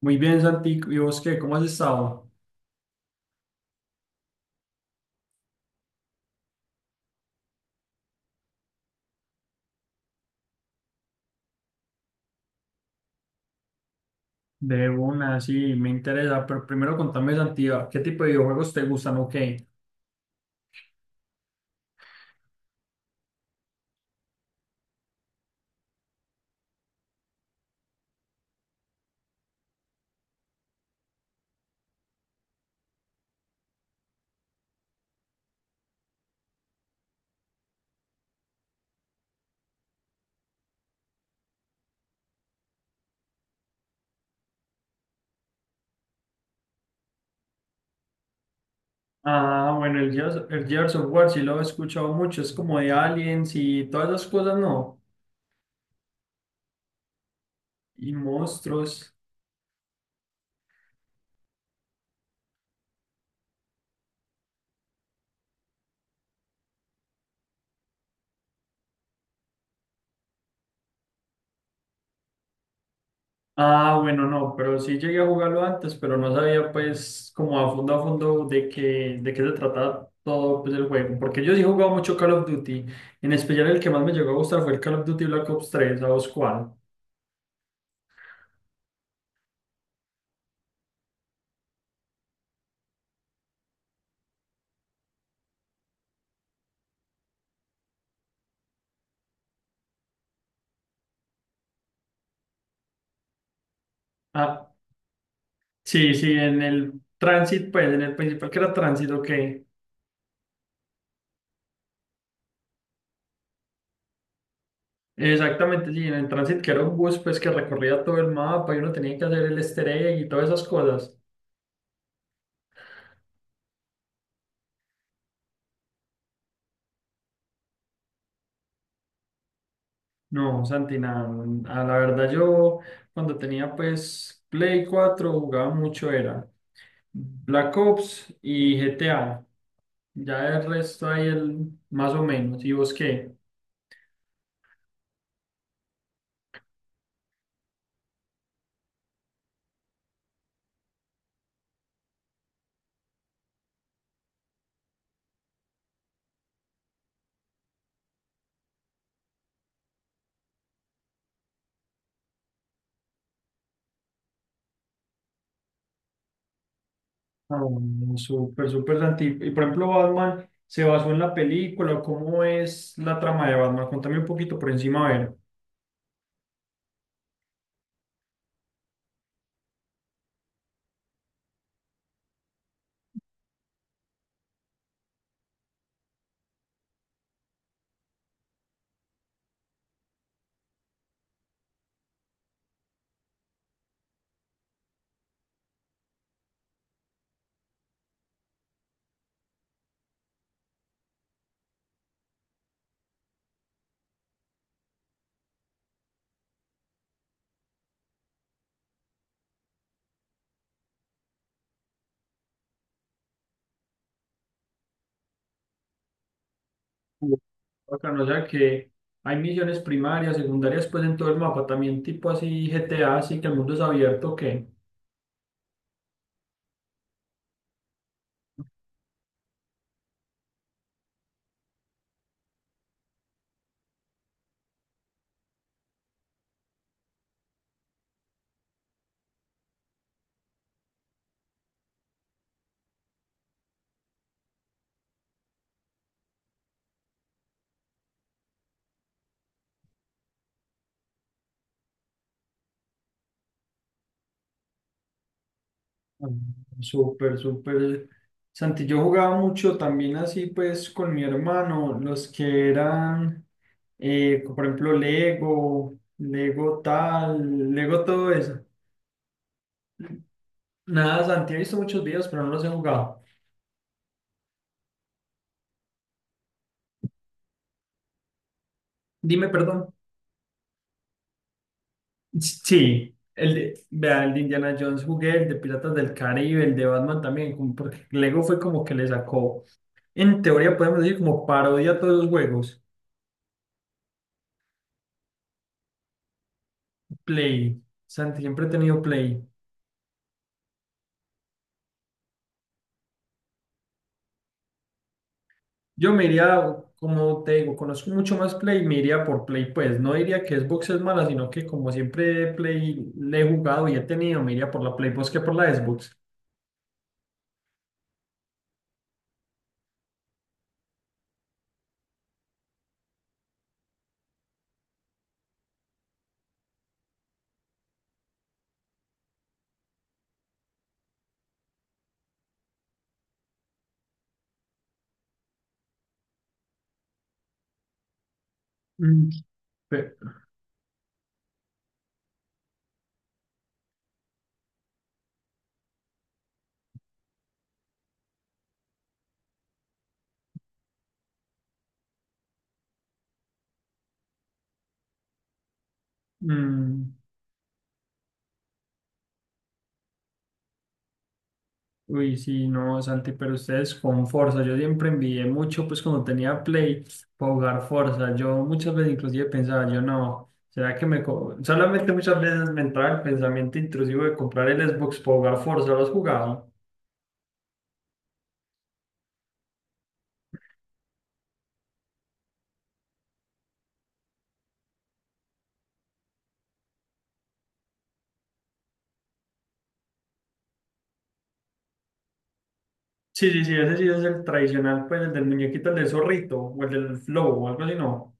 Muy bien, Santi. ¿Y vos qué? ¿Cómo has estado? De una, sí, me interesa. Pero primero contame, Santi, ¿qué tipo de videojuegos te gustan o qué? Ah, bueno, el Gears of War sí lo he escuchado mucho. Es como de aliens y todas esas cosas, ¿no? Y monstruos. Ah, bueno, no, pero sí llegué a jugarlo antes, pero no sabía pues como a fondo de qué se trataba todo pues, el juego. Porque yo sí he jugado mucho Call of Duty. En especial el que más me llegó a gustar fue el Call of Duty Black Ops 3. ¿A vos cuál? Ah. Sí, sí, en el Transit, pues en el principal que era Transit, ok. Exactamente, sí, en el Transit que era un bus pues que recorría todo el mapa y uno tenía que hacer el easter egg y todas esas cosas. No, Santi, nada, a la verdad yo cuando tenía pues Play 4 jugaba mucho era Black Ops y GTA. Ya el resto ahí el más o menos. ¿Y vos qué? Ah, bueno, súper, súper Santi. Y por ejemplo, Batman, ¿se basó en la película? ¿Cómo es la trama de Batman? Contame un poquito por encima, a ver. Uh, bacano, o sea que hay misiones primarias, secundarias, pues en todo el mapa, también tipo así GTA, así que el mundo es abierto, que súper, súper. Santi, yo jugaba mucho también así pues con mi hermano, los que eran, por ejemplo, Lego, Lego tal, Lego todo eso. Nada, Santi, he visto muchos videos, pero no los he jugado. Dime, perdón. Sí, el de, vea, el de Indiana Jones jugué, el de Piratas del Caribe, el de Batman también, como porque Lego fue como que le sacó, en teoría podemos decir, como parodia a todos los juegos. Play, Santi, siempre he tenido Play. Yo me iría, como te digo, conozco mucho más Play, me iría por Play, pues no diría que Xbox es mala, sino que como siempre Play le he jugado y he tenido, me iría por la Play, pues que por la Xbox. Mm, pe- mm, Uy, sí, no, Santi, pero ustedes con Forza, yo siempre envidié mucho, pues cuando tenía Play, para jugar Forza, yo muchas veces inclusive pensaba, yo no, será que me... co-?". Solamente muchas veces me entraba el pensamiento intrusivo de comprar el Xbox para jugar Forza, ¿lo has jugado? Sí, sí, sí, ese sí es el tradicional, pues el del muñequito, el del zorrito, o el del flow, o algo así, ¿no?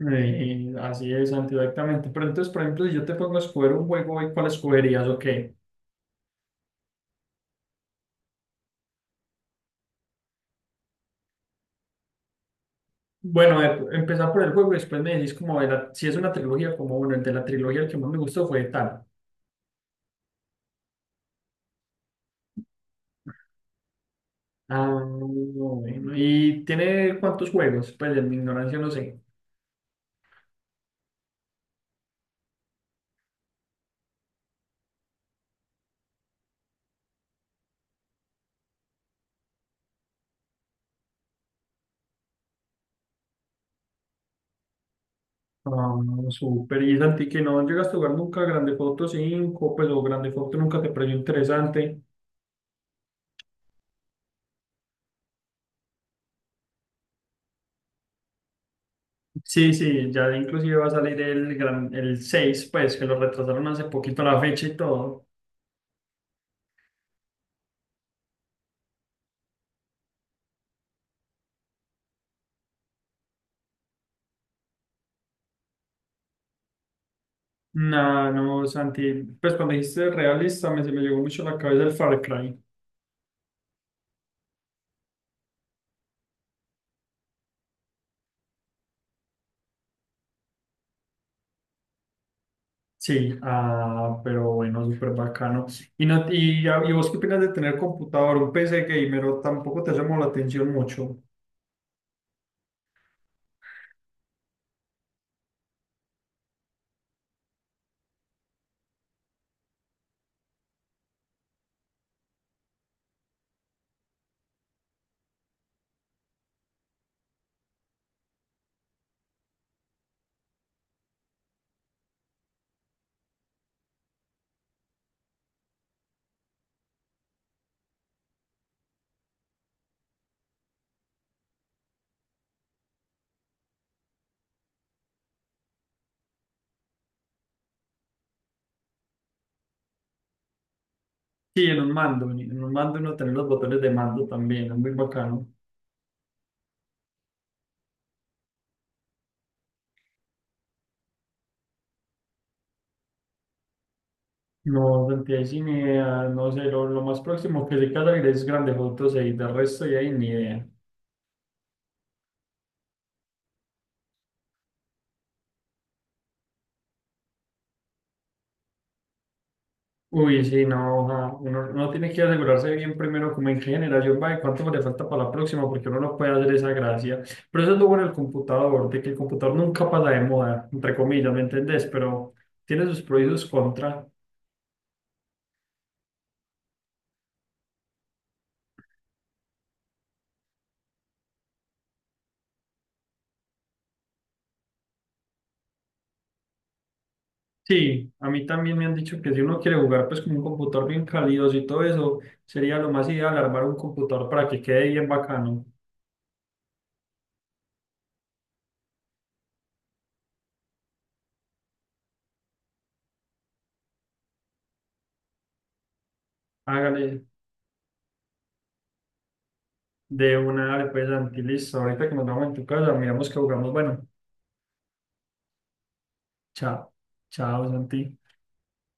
Así es, Santi, exactamente, pero entonces, por ejemplo, si yo te pongo a escoger un juego, ¿cuál escogerías o qué? Bueno, empezar por el juego y después me decís como si es una trilogía, como bueno, el de la trilogía el que más me gustó fue tal. Ah, bueno. ¿Y tiene cuántos juegos? Pues en mi ignorancia no sé. Ah, súper. Y Santi, que no llegaste a jugar nunca Grande Foto 5 pues o Grande Foto nunca te pareció interesante. Sí, sí, ya inclusive va a salir el 6, pues que lo retrasaron hace poquito la fecha y todo. No, no, Santi, pues cuando dijiste realista se me llegó mucho a la cabeza el Far Cry. Sí, ah, pero bueno, súper bacano. ¿Y, no, y vos qué opinas de tener computador, un PC gamer o tampoco te llamó la atención mucho? Sí, en un mando, en un mando uno tener los botones de mando también, es muy bacano. No, Santi, ahí sí ni idea, no sé, lo más próximo que se queda es Grande Auto y de resto ya ahí ni idea. Uy, sí, no, ajá, uno tiene que asegurarse bien primero como en qué generación va y cuánto le falta para la próxima, porque uno no puede hacer esa gracia. Pero eso es lo bueno del computador, de que el computador nunca pasa de moda, entre comillas, ¿me entendés? Pero tiene sus pros y sus contras. Sí, a mí también me han dicho que si uno quiere jugar pues con un computador bien calidoso y todo eso, sería lo más ideal armar un computador para que quede bien bacano. Hágale de una, dale, pues, Santi, listo. Ahorita que nos vamos en tu casa, miramos que jugamos. Bueno, chao, chao, Santi.